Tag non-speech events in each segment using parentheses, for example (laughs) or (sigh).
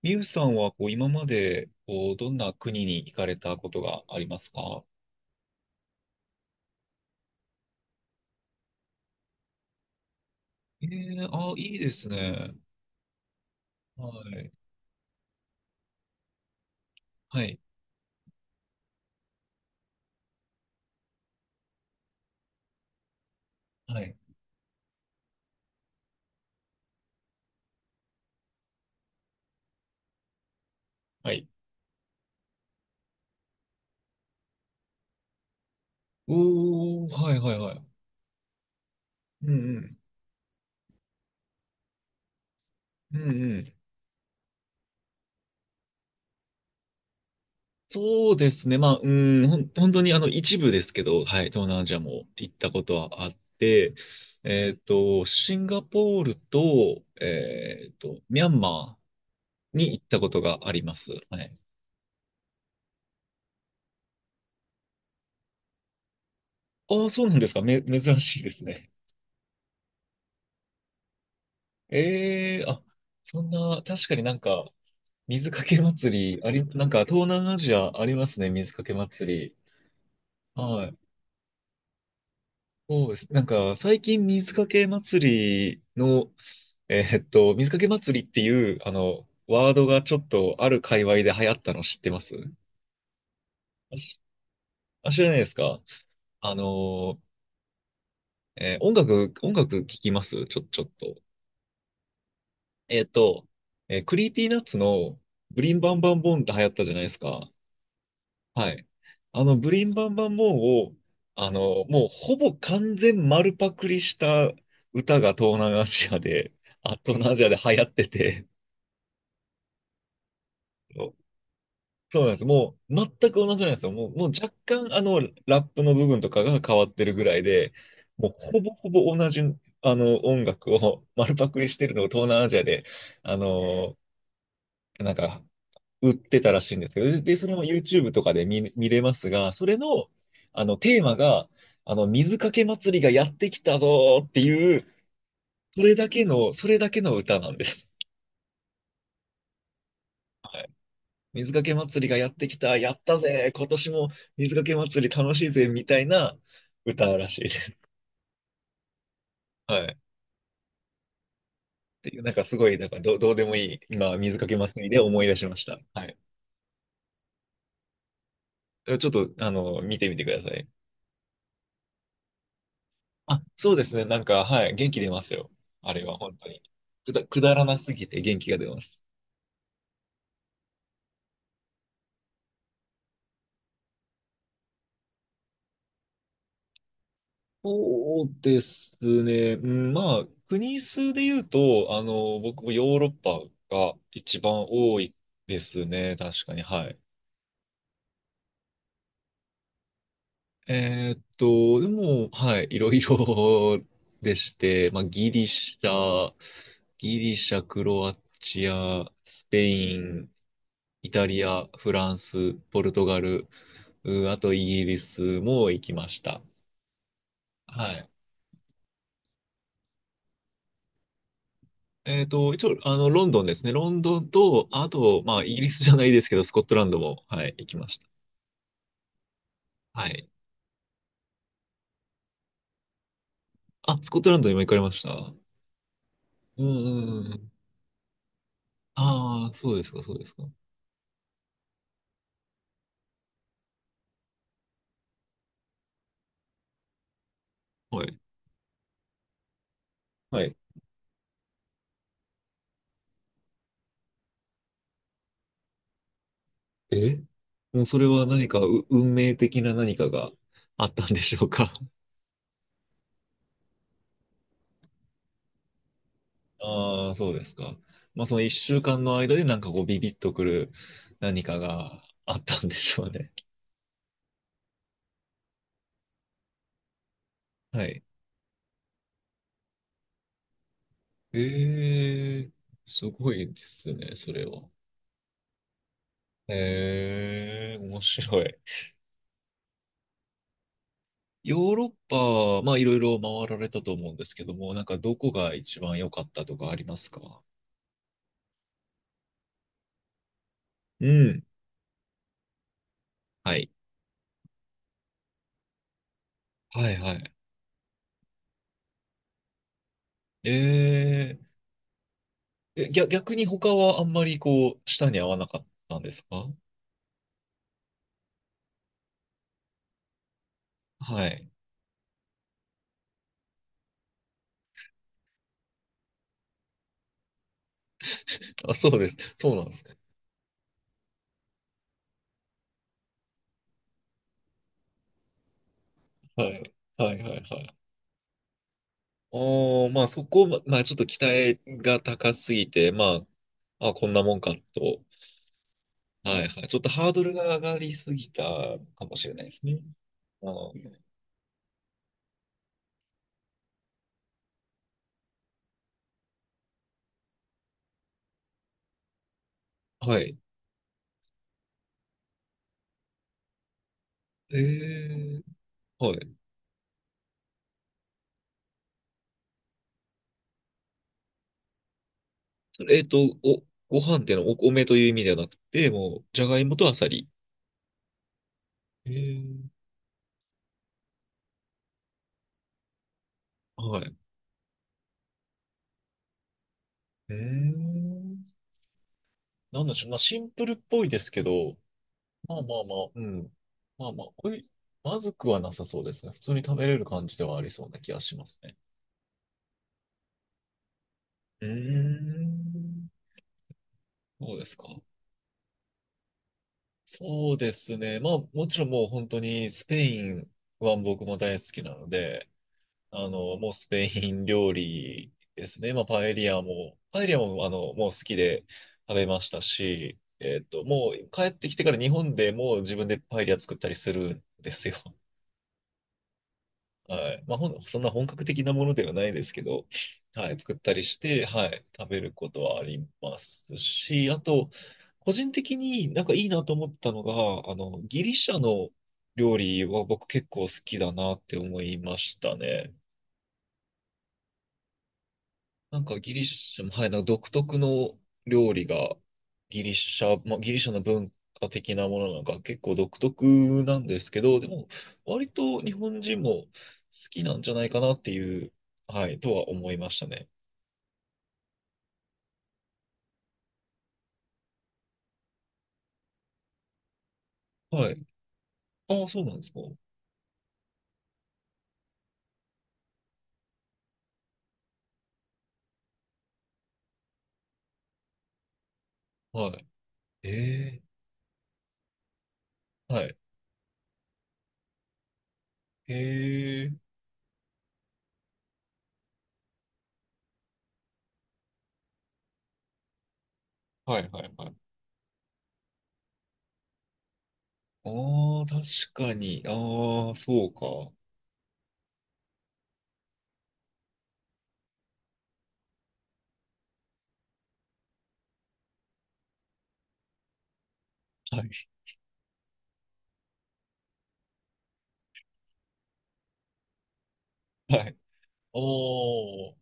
みゆさんはこう今までこうどんな国に行かれたことがありますか？ええ、あ、いいですね。はい。はい。はい。はい。おー、はいはいはい。うんうん。うんうん。そうですね。まあ、うん、本当に一部ですけど、はい、東南アジアも行ったことはあって、シンガポールと、ミャンマーに行ったことがあります。はい。ああ、そうなんですか。珍しいですね。ええ、あ、そんな、確かになんか、水かけ祭り、なんか東南アジアありますね、水かけ祭り。はい。そうです。なんか、最近水かけ祭りっていう、ワードがちょっとある界隈で流行ったの知ってます？あ、あ、知らないですか？あの音楽聞きますちょっと。えーっと、クリーピーナッツのブリンバンバンボンって流行ったじゃないですか。はい。ブリンバンバンボンを、もうほぼ完全丸パクリした歌が東南アジアで、(laughs) あ、東南アジアで流行ってて、そう、そうなんです。もう全く同じなんですよ。もう若干ラップの部分とかが変わってるぐらいで、もうほぼほぼ同じ、音楽を丸パクリしてるのを東南アジアで、あの、なんか売ってたらしいんですよ。で、それも YouTube とかで見れますが、それの、テーマが、水かけ祭りがやってきたぞーっていう、それだけの歌なんです。はい。水かけ祭りがやってきた、やったぜー、今年も水かけ祭り楽しいぜ、みたいな歌らしいです。はい。っていう、なんかすごい、なんかどうでもいい、今、水かけ祭りで思い出しました。はい。ちょっと、見てみてください。あ、そうですね。なんか、はい、元気出ますよ。あれは本当に。くだらなすぎて元気が出ます。そうですね。うん、まあ、国数で言うと、僕もヨーロッパが一番多いですね。確かに。はい。でも、はい、いろいろでして、まあ、ギリシャ、クロアチア、スペイン、イタリア、フランス、ポルトガル、あとイギリスも行きました。はい。一応、ロンドンですね。ロンドンと、あと、まあ、イギリスじゃないですけど、スコットランドも、はい、行きました。はい。あ、スコットランドにも行かれました。うんうんうん。ああ、そうですか、そうですか。はい。はい。え、もうそれは何か運命的な何かがあったんでしょうか。ああ、そうですか。まあ、その一週間の間でなんかこうビビッとくる何かがあったんでしょうね。(laughs) はい。ええ、すごいですね、それは。ええ、面白い。ヨーロッパ、まあいろいろ回られたと思うんですけども、なんかどこが一番良かったとかありますか？うん。はい。はいはい。ええ、逆に他はあんまりこう、舌に合わなかったんですか？はい。あ、そうです。そうなんです。はい。はいはいはい。おー、まあそこ、まあちょっと期待が高すぎて、まあ、あ、こんなもんかと。はいはい。ちょっとハードルが上がりすぎたかもしれないですね。あー、はい。えー、はい。それ、ご飯っていうのはお米という意味ではなくて、もう、じゃがいもとあさり。えー、はい。えー、なんでしょう。まあシンプルっぽいですけど、まあまあまあ、うん。まあまあ、まずくはなさそうですね。普通に食べれる感じではありそうな気がしますね。うーん。そうですか。そうですね。まあ、もちろんもう本当にスペインは僕も大好きなので、もうスペイン料理ですね。まあ、パエリアも、もう好きで食べましたし、もう帰ってきてから日本でもう自分でパエリア作ったりするんですよ。はい。まあ、そんな本格的なものではないですけど、はい、作ったりして、はい、食べることはありますし、あと、個人的になんかいいなと思ったのが、ギリシャの料理は僕結構好きだなって思いましたね。なんかギリシャも、はい、なんか独特の料理がギリシャ、まあ、ギリシャの文化的なものなのか結構独特なんですけど、でも割と日本人も好きなんじゃないかなっていう、はい、とは思いましたね。はい。ああ、そうなんですか。はい。ええ、はい。ええ、はいはいはい。ああ、確かに。ああ、そうか。はい。はい。おー。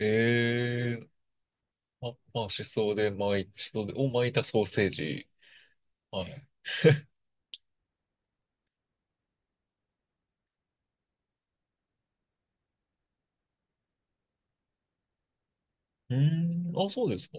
ええ、あ、まあ、しそを巻いたソーセージ。はい。うーん、あ、そうですか。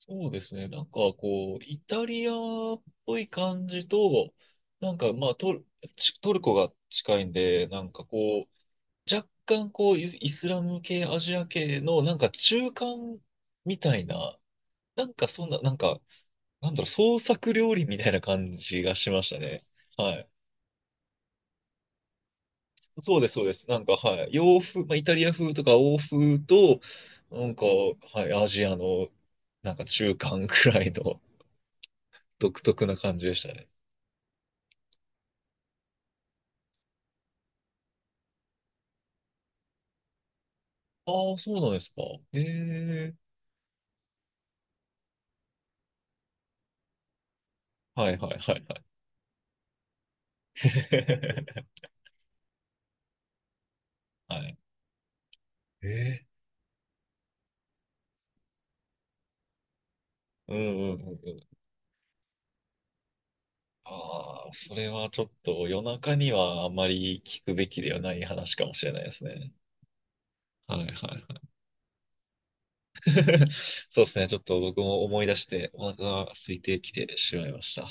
そうですね。なんか、こう、イタリアっぽい感じと、なんか、まあ、トルコが近いんで、なんかこう、若干、こう、イスラム系、アジア系の、なんか中間みたいな、なんかそんな、なんか、なんだろう、創作料理みたいな感じがしましたね。はい。そうです、そうです。なんか、はい。洋風、まあ、イタリア風とか欧風と、なんか、はい、アジアの、なんか中間くらいの (laughs) 独特な感じでしたね。ああ、そうなんですか。ええ、はいはいはいはい。(laughs) はい。ええ、うんうんうんうん。ああ、それはちょっと夜中にはあまり聞くべきではない話かもしれないですね。はいはい。(laughs) そうですね。ちょっと僕も思い出してお腹が空いてきてしまいました。